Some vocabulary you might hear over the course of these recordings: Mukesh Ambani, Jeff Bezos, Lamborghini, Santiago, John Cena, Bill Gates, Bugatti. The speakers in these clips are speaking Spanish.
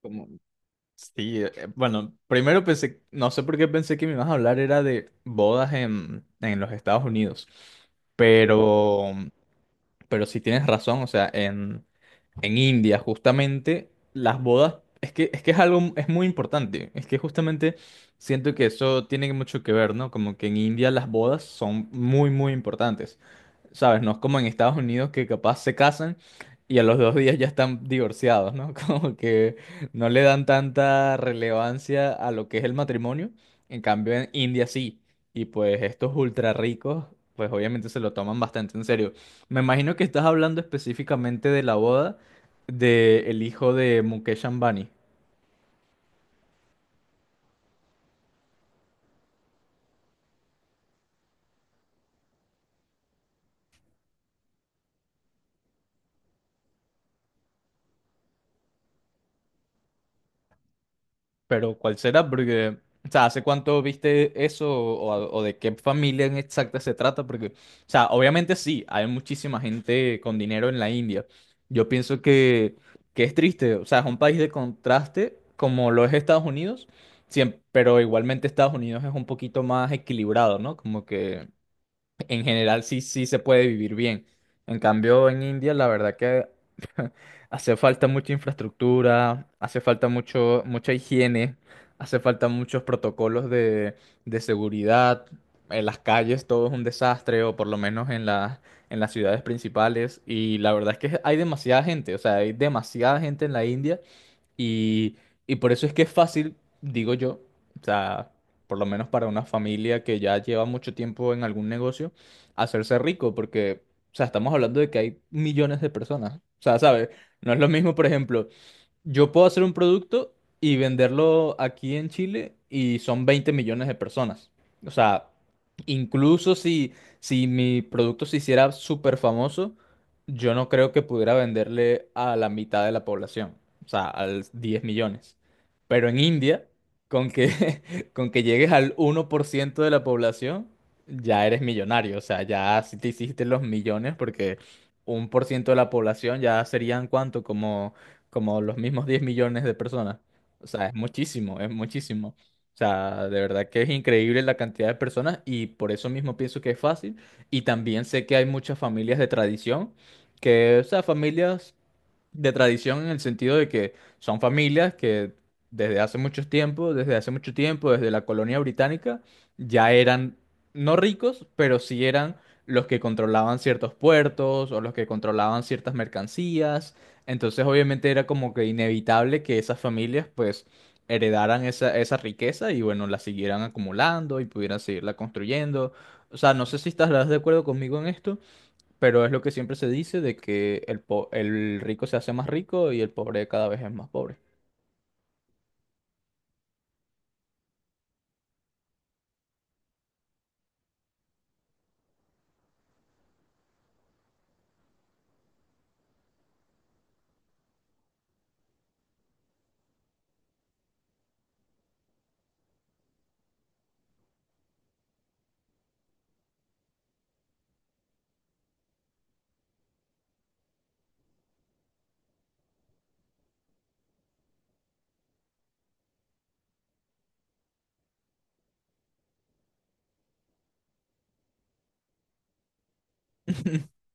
Como, sí, bueno, primero pensé, no sé por qué pensé que me ibas a hablar era de bodas en los Estados Unidos, pero, pero sí tienes razón, o sea, en India justamente las bodas, es que es algo, es muy importante, es que justamente siento que eso tiene mucho que ver, ¿no? Como que en India las bodas son muy, muy importantes. ¿Sabes? No es como en Estados Unidos que capaz se casan y a los 2 días ya están divorciados, ¿no? Como que no le dan tanta relevancia a lo que es el matrimonio. En cambio, en India sí. Y pues estos ultra ricos, pues obviamente se lo toman bastante en serio. Me imagino que estás hablando específicamente de la boda del hijo de Mukesh Ambani. Pero ¿cuál será? Porque, o sea, ¿hace cuánto viste eso o, o de qué familia en exacta se trata? Porque, o sea, obviamente sí, hay muchísima gente con dinero en la India. Yo pienso que es triste, o sea, es un país de contraste como lo es Estados Unidos, pero igualmente Estados Unidos es un poquito más equilibrado, ¿no? Como que en general sí, sí se puede vivir bien. En cambio, en India, la verdad que hace falta mucha infraestructura, hace falta mucho, mucha higiene, hace falta muchos protocolos de seguridad. En las calles todo es un desastre, o por lo menos en las ciudades principales. Y la verdad es que hay demasiada gente, o sea, hay demasiada gente en la India y, y por eso es que es fácil, digo yo, o sea, por lo menos para una familia que ya lleva mucho tiempo en algún negocio, hacerse rico, porque, o sea, estamos hablando de que hay millones de personas. O sea, ¿sabes? No es lo mismo, por ejemplo, yo puedo hacer un producto y venderlo aquí en Chile y son 20 millones de personas. O sea, incluso si mi producto se hiciera súper famoso, yo no creo que pudiera venderle a la mitad de la población, o sea, al 10 millones. Pero en India, con que, con que llegues al 1% de la población, ya eres millonario. O sea, ya si te hiciste los millones, porque 1% de la población ya serían cuánto, como los mismos 10 millones de personas. O sea, es muchísimo, es muchísimo. O sea, de verdad que es increíble la cantidad de personas y por eso mismo pienso que es fácil. Y también sé que hay muchas familias de tradición, que, o sea, familias de tradición en el sentido de que son familias que desde hace mucho tiempo, desde hace mucho tiempo, desde la colonia británica, ya eran no ricos, pero sí eran los que controlaban ciertos puertos o los que controlaban ciertas mercancías. Entonces, obviamente era como que inevitable que esas familias pues heredaran esa riqueza y bueno, la siguieran acumulando y pudieran seguirla construyendo. O sea, no sé si estarás de acuerdo conmigo en esto, pero es lo que siempre se dice de que el rico se hace más rico y el pobre cada vez es más pobre.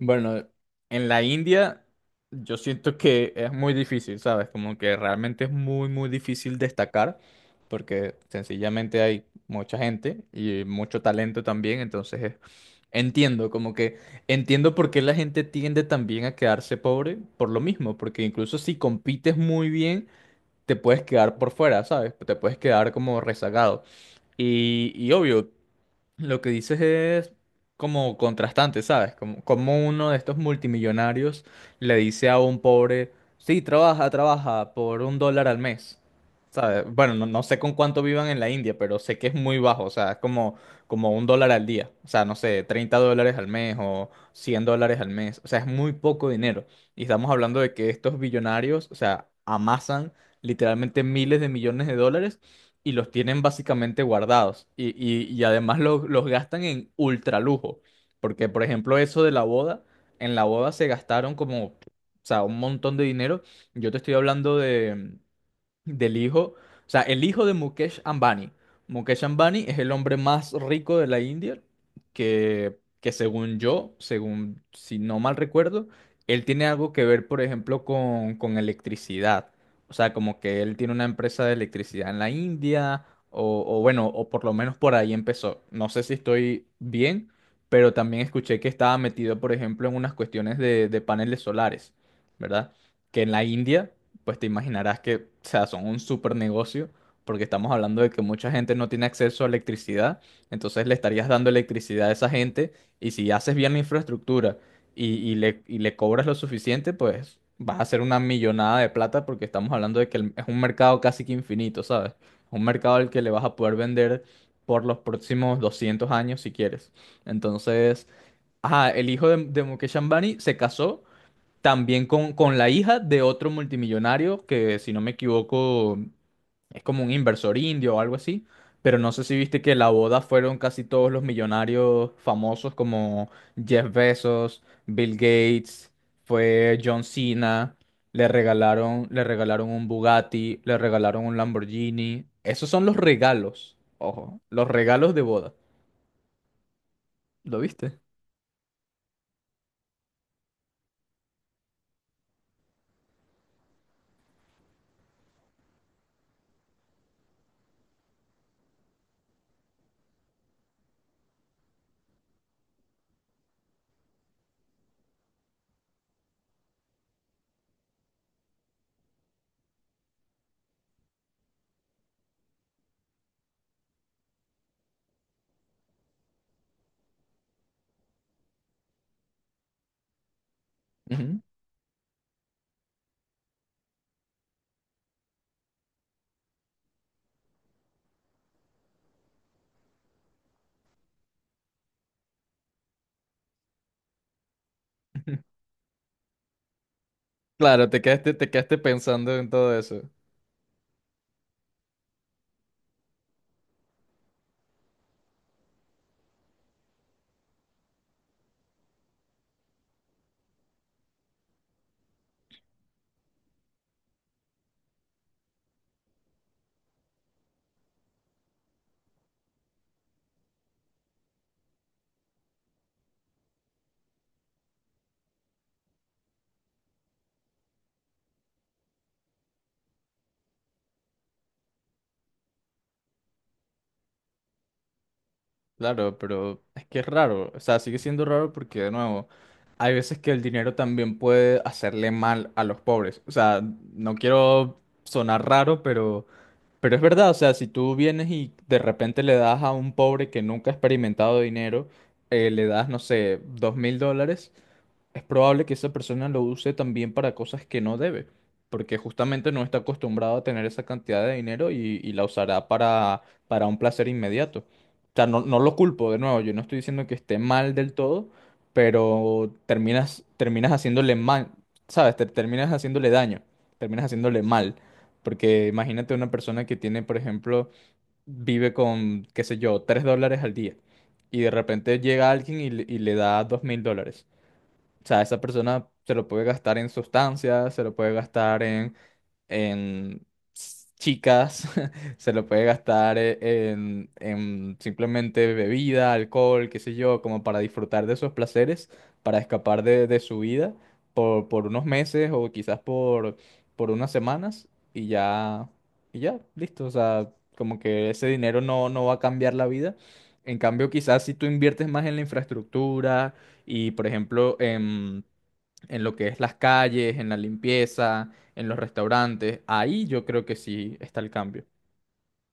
Bueno, en la India yo siento que es muy difícil, ¿sabes? Como que realmente es muy, muy difícil destacar porque sencillamente hay mucha gente y mucho talento también, entonces entiendo, como que entiendo por qué la gente tiende también a quedarse pobre por lo mismo, porque incluso si compites muy bien te puedes quedar por fuera, ¿sabes? Te puedes quedar como rezagado. Y obvio, lo que dices es como contrastante, ¿sabes? Como, como uno de estos multimillonarios le dice a un pobre, sí, trabaja, trabaja por 1 dólar al mes. ¿Sabes? Bueno, no, no sé con cuánto vivan en la India, pero sé que es muy bajo, o sea, es como 1 dólar al día. O sea, no sé, 30 dólares al mes o 100 dólares al mes. O sea, es muy poco dinero. Y estamos hablando de que estos billonarios, o sea, amasan literalmente miles de millones de dólares y los tienen básicamente guardados. Y además los gastan en ultra lujo. Porque, por ejemplo, eso de la boda, en la boda se gastaron como, o sea, un montón de dinero. Yo te estoy hablando de del hijo, o sea, el hijo de Mukesh Ambani. Mukesh Ambani es el hombre más rico de la India, que según yo, según si no mal recuerdo, él tiene algo que ver, por ejemplo, con electricidad. O sea, como que él tiene una empresa de electricidad en la India, o bueno, o por lo menos por ahí empezó. No sé si estoy bien, pero también escuché que estaba metido, por ejemplo, en unas cuestiones de paneles solares, ¿verdad? Que en la India pues te imaginarás que, o sea, son un super negocio, porque estamos hablando de que mucha gente no tiene acceso a electricidad, entonces le estarías dando electricidad a esa gente, y si haces bien la infraestructura y le cobras lo suficiente, pues vas a hacer una millonada de plata, porque estamos hablando de que es un mercado casi que infinito, ¿sabes? Un mercado al que le vas a poder vender por los próximos 200 años si quieres. Entonces, ajá, el hijo de Mukesh Ambani se casó también con la hija de otro multimillonario que, si no me equivoco, es como un inversor indio o algo así. Pero no sé si viste que la boda fueron casi todos los millonarios famosos como Jeff Bezos, Bill Gates, fue John Cena. Le regalaron un Bugatti, le regalaron un Lamborghini. Esos son los regalos. Ojo, los regalos de boda. ¿Lo viste? Ujú. Claro, te quedaste pensando en todo eso. Claro, pero es que es raro, o sea, sigue siendo raro porque de nuevo, hay veces que el dinero también puede hacerle mal a los pobres. O sea, no quiero sonar raro, pero es verdad, o sea, si tú vienes y de repente le das a un pobre que nunca ha experimentado dinero, le das, no sé, 2.000 dólares es probable que esa persona lo use también para cosas que no debe, porque justamente no está acostumbrado a tener esa cantidad de dinero y la usará para un placer inmediato. O sea, no, no lo culpo, de nuevo, yo no estoy diciendo que esté mal del todo, pero terminas haciéndole mal, ¿sabes? Terminas haciéndole daño, terminas haciéndole mal. Porque imagínate una persona que tiene, por ejemplo, vive con, qué sé yo, 3 dólares al día y de repente llega alguien y le da 2.000 dólares. O sea, esa persona se lo puede gastar en sustancias, se lo puede gastar en chicas, se lo puede gastar en, simplemente bebida, alcohol, qué sé yo, como para disfrutar de esos placeres, para escapar de su vida por unos meses o quizás por unas semanas y ya, y ya, listo. O sea, como que ese dinero no, no va a cambiar la vida. En cambio, quizás si tú inviertes más en la infraestructura y, por ejemplo, en lo que es las calles, en la limpieza, en los restaurantes. Ahí yo creo que sí está el cambio.